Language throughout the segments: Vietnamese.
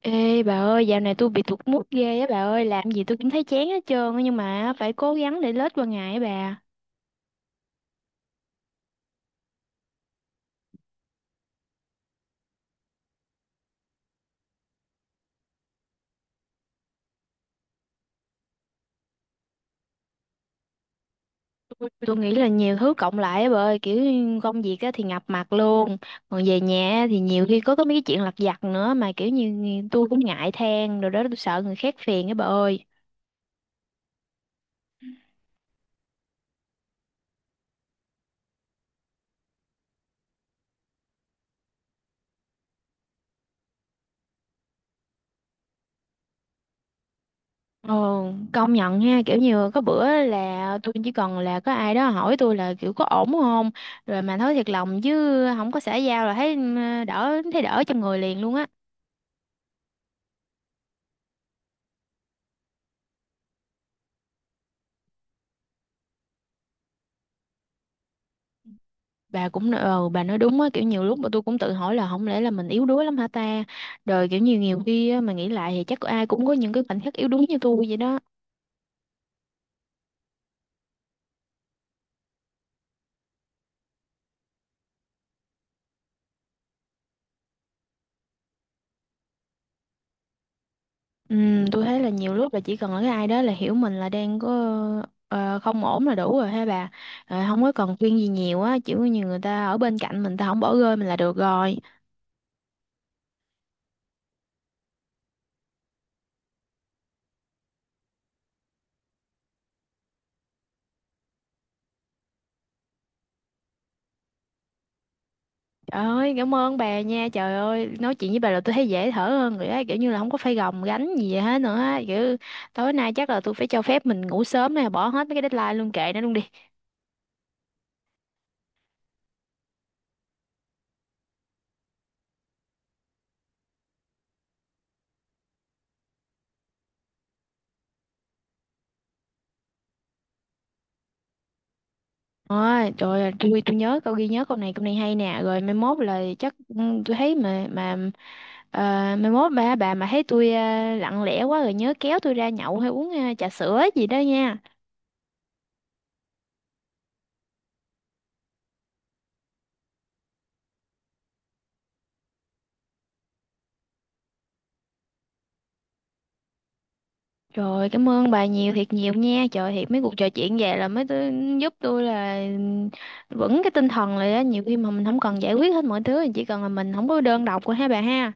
Ê bà ơi, dạo này tôi bị tụt mood ghê á bà ơi, làm gì tôi cũng thấy chán hết trơn á nhưng mà phải cố gắng để lết qua ngày á bà. Tôi nghĩ là nhiều thứ cộng lại á bà ơi, kiểu như công việc á thì ngập mặt luôn, còn về nhà á thì nhiều khi có mấy cái chuyện lặt vặt nữa mà kiểu như tôi cũng ngại than rồi đó tôi sợ người khác phiền á bà ơi. Ồ, công nhận nha, kiểu như có bữa là tôi chỉ cần là có ai đó hỏi tôi là kiểu có ổn không, rồi mà nói thiệt lòng chứ không có xã giao là thấy đỡ thấy đỡ trong người liền luôn á. Bà cũng bà nói đúng á kiểu nhiều lúc mà tôi cũng tự hỏi là không lẽ là mình yếu đuối lắm hả ta, rồi kiểu nhiều nhiều khi á, mà nghĩ lại thì chắc ai cũng có những cái khoảnh khắc yếu đuối như tôi vậy đó. Tôi thấy là nhiều lúc là chỉ cần là cái ai đó là hiểu mình là đang có không ổn là đủ rồi ha bà. Ờ, không có cần khuyên gì nhiều á, chỉ có như người ta ở bên cạnh mình ta không bỏ rơi mình là được rồi. Trời ơi, cảm ơn bà nha. Trời ơi, nói chuyện với bà là tôi thấy dễ thở hơn rồi á, kiểu như là không có phải gồng gánh gì vậy hết nữa á. Kiểu tối nay chắc là tôi phải cho phép mình ngủ sớm nè, bỏ hết mấy cái deadline luôn kệ nó luôn đi. Ôi, trời ơi, tôi tôi nhớ câu ghi nhớ câu này hay nè, rồi mai mốt là chắc tôi thấy mà ờ, mai mốt bà mà thấy tôi lặng lẽ quá rồi nhớ kéo tôi ra nhậu hay uống trà sữa gì đó nha. Trời ơi, cảm ơn bà nhiều thiệt nhiều nha. Trời thiệt mấy cuộc trò chuyện vậy là mới tôi, giúp tôi là vững cái tinh thần lại á. Nhiều khi mà mình không cần giải quyết hết mọi thứ, chỉ cần là mình không có đơn độc của hai bà ha.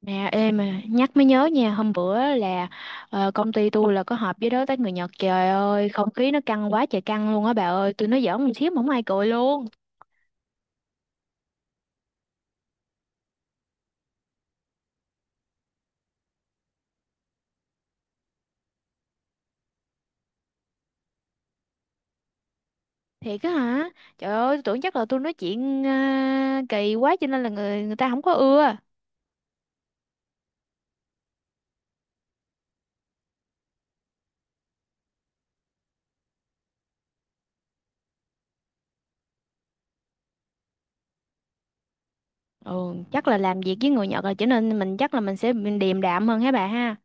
Nè, em mà nhắc mới nhớ nha, hôm bữa là công ty tôi là có họp với đối tác người Nhật. Trời ơi, không khí nó căng quá trời căng luôn á bà ơi. Tôi nói giỡn một xíu mà không ai cười luôn. Thiệt á hả? Trời ơi, tôi tưởng chắc là tôi nói chuyện kỳ quá cho nên là người người ta không có ưa. Ừ, chắc là làm việc với người Nhật rồi cho nên mình chắc là mình sẽ bị điềm đạm hơn hả bà ha.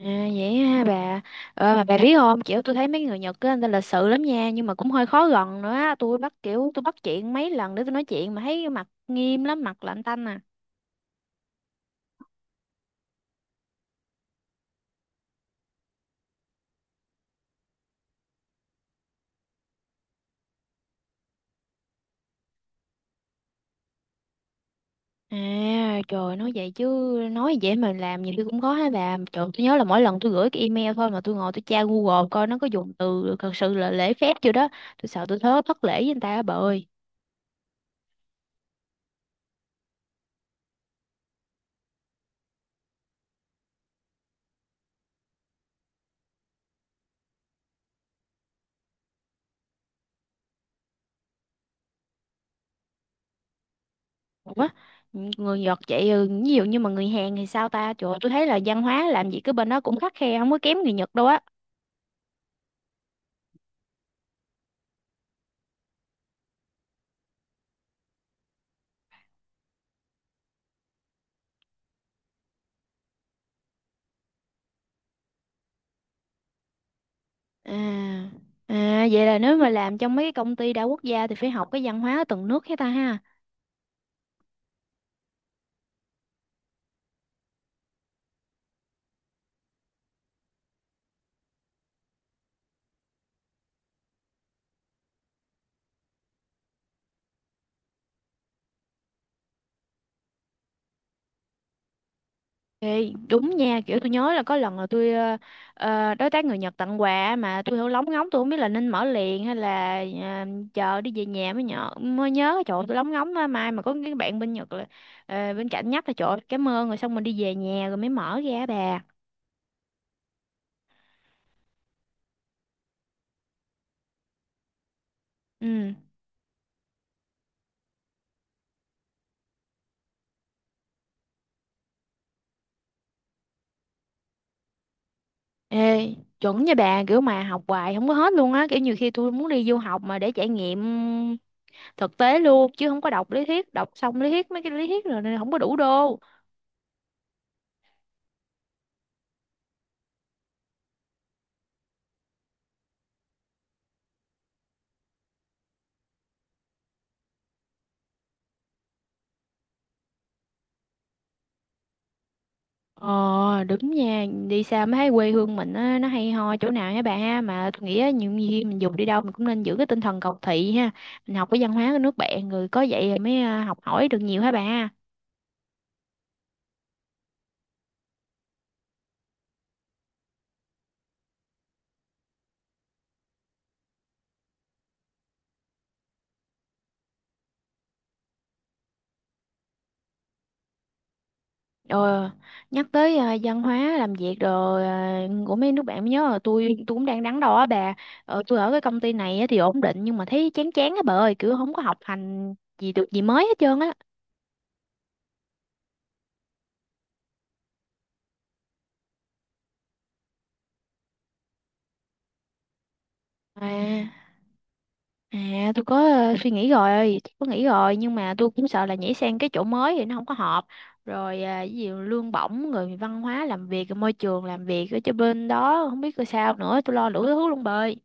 À, vậy ha bà. Ờ, mà bà biết không, kiểu tôi thấy mấy người Nhật á, người ta lịch sự lắm nha, nhưng mà cũng hơi khó gần nữa á. Tôi bắt chuyện mấy lần để tôi nói chuyện mà thấy mặt nghiêm lắm, mặt lạnh tanh à. À, trời nói vậy chứ nói vậy mà làm nhiều khi cũng khó hả bà. Trời, tôi nhớ là mỗi lần tôi gửi cái email thôi mà tôi ngồi tôi tra Google coi nó có dùng từ thật sự là lễ phép chưa đó. Tôi sợ tôi thớ thất lễ với người ta á bà ơi. Ủa, người Nhật vậy ví dụ như mà người Hàn thì sao ta? Trời ơi, tôi thấy là văn hóa làm gì cứ bên đó cũng khắt khe không có kém người Nhật đâu á. À, à vậy là nếu mà làm trong mấy cái công ty đa quốc gia thì phải học cái văn hóa ở từng nước hết ta ha. Ê, đúng nha, kiểu tôi nhớ là có lần là tôi đối tác người Nhật tặng quà á, mà tôi không biết là nên mở liền hay là chờ đi về nhà mới nhớ trời ơi, tôi lóng ngóng á, mai mà có cái bạn bên Nhật là bên cạnh nhắc là trời ơi, cảm ơn rồi xong mình đi về nhà rồi mới mở ra bà. Ừ. Ê, chuẩn nha bà, kiểu mà học hoài không có hết luôn á, kiểu nhiều khi tôi muốn đi du học mà để trải nghiệm thực tế luôn chứ không có đọc lý thuyết, đọc xong lý thuyết mấy cái lý thuyết rồi nên không có đủ đô. Ờ đúng nha, đi xa mới thấy quê hương mình á, nó hay ho chỗ nào hả bà ha, mà tôi nghĩ á, nhiều khi mình dù đi đâu mình cũng nên giữ cái tinh thần cầu thị ha, mình học cái văn hóa của nước bạn rồi có vậy rồi mới học hỏi được nhiều hả bà. Ờ, nhắc tới văn hóa làm việc rồi của mấy nước bạn mới nhớ là tôi cũng đang đắn đo á bà. Tôi ở cái công ty này á thì ổn định nhưng mà thấy chán chán á bà ơi, kiểu không có học hành gì được gì mới hết trơn á. à tôi có suy nghĩ rồi chắc có nghĩ rồi nhưng mà tôi cũng sợ là nhảy sang cái chỗ mới thì nó không có hợp rồi ví dụ lương bổng người văn hóa làm việc môi trường làm việc ở cho bên đó không biết coi sao nữa, tôi lo đủ thứ luôn bà ơi.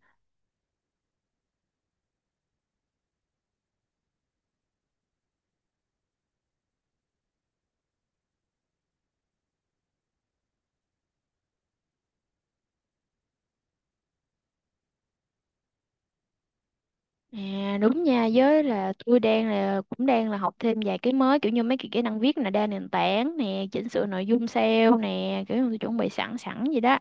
À đúng nha, với là tôi đang là cũng đang là học thêm vài cái mới kiểu như mấy cái kỹ năng viết nè, đa nền tảng nè, chỉnh sửa nội dung SEO nè, kiểu như tôi chuẩn bị sẵn sẵn vậy đó.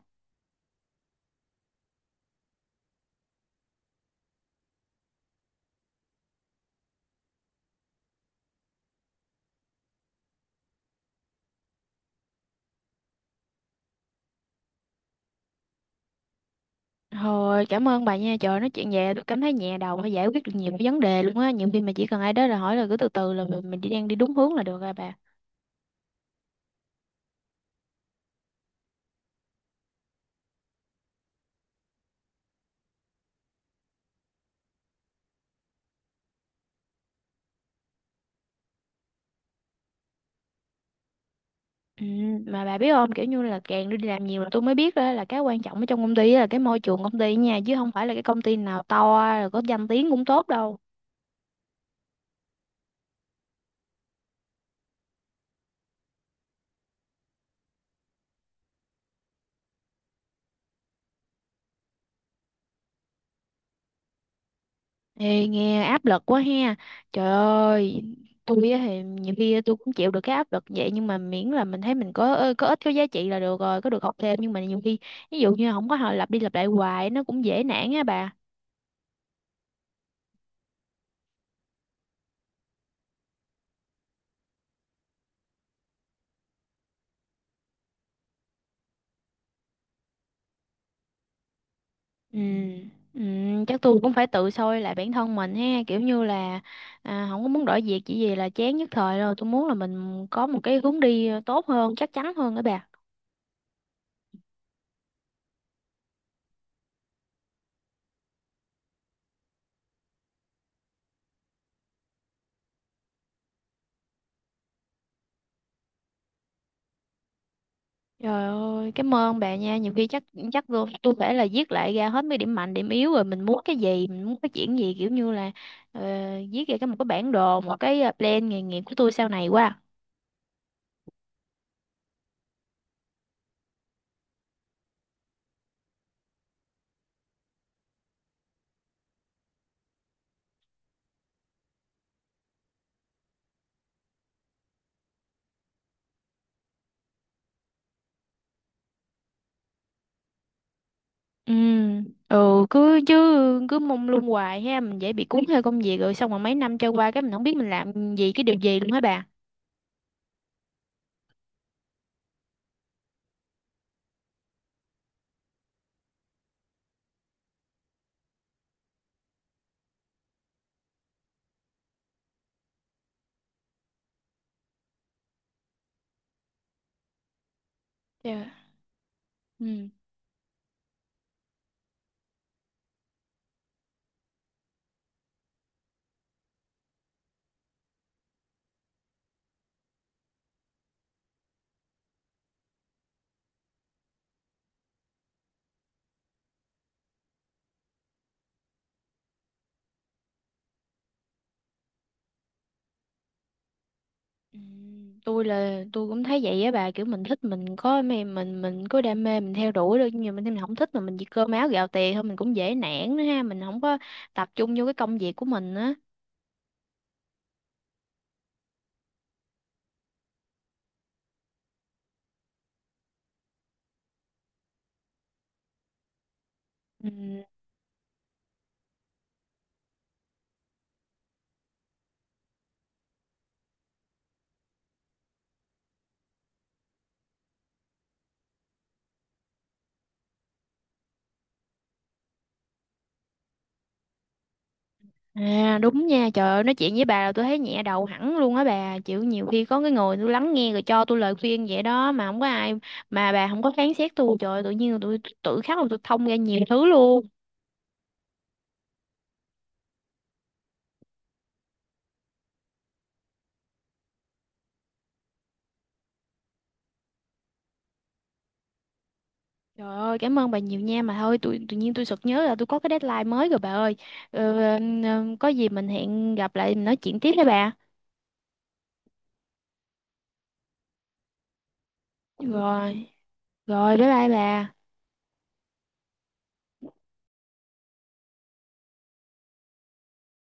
Thôi cảm ơn bà nha, trời nói chuyện về tôi cảm thấy nhẹ đầu và giải quyết được nhiều cái vấn đề luôn á, nhiều khi mà chỉ cần ai đó là hỏi là cứ từ từ là mình đi đang đi đúng hướng là được rồi bà. Ừ, mà bà biết không kiểu như là càng đi làm nhiều là tôi mới biết đó là cái quan trọng ở trong công ty á là cái môi trường công ty nha, chứ không phải là cái công ty nào to rồi có danh tiếng cũng tốt đâu. Ê, nghe áp lực quá ha. Trời ơi, tôi á thì nhiều khi tôi cũng chịu được cái áp lực vậy nhưng mà miễn là mình thấy mình có có ích có giá trị là được rồi, có được học thêm, nhưng mà nhiều khi ví dụ như không có họ lặp đi lặp lại hoài nó cũng dễ nản á bà. Ừ, ừ, chắc tôi cũng phải tự soi lại bản thân mình ha, kiểu như là không có muốn đổi việc chỉ vì là chán nhất thời rồi, tôi muốn là mình có một cái hướng đi tốt hơn, chắc chắn hơn đó bà. Trời ơi, cảm ơn bà nha. Nhiều khi chắc chắc tôi phải là viết lại ra hết mấy điểm mạnh, điểm yếu rồi mình muốn cái gì, mình muốn phát triển gì kiểu như là ờ, viết ra cái một cái bản đồ, một cái plan nghề nghiệp của tôi sau này quá. Ừ, ừ cứ chứ cứ mông lung hoài ha, mình dễ bị cuốn theo công việc rồi xong rồi mấy năm trôi qua cái mình không biết mình làm gì cái điều gì luôn hả bà. Dạ. Ừ. Ừ, tôi là tôi cũng thấy vậy á bà, kiểu mình thích mình có mê mình có đam mê mình theo đuổi được, nhưng mà mình không thích mà mình chỉ cơm áo gạo tiền thôi mình cũng dễ nản nữa ha, mình không có tập trung vô cái công việc của mình á. Ừ. À đúng nha, trời ơi nói chuyện với bà là tôi thấy nhẹ đầu hẳn luôn á bà, chịu nhiều khi có cái người tôi lắng nghe rồi cho tôi lời khuyên vậy đó mà không có ai, mà bà không có phán xét tôi, trời ơi, tự nhiên tôi tự khắc là tôi thông ra nhiều thứ luôn. Trời ơi, cảm ơn bà nhiều nha, mà thôi tự nhiên tôi sực nhớ là tôi có cái deadline mới rồi bà ơi. Ờ, có gì mình hẹn gặp lại mình nói chuyện tiếp với bà. Rồi, rồi bye bye bà.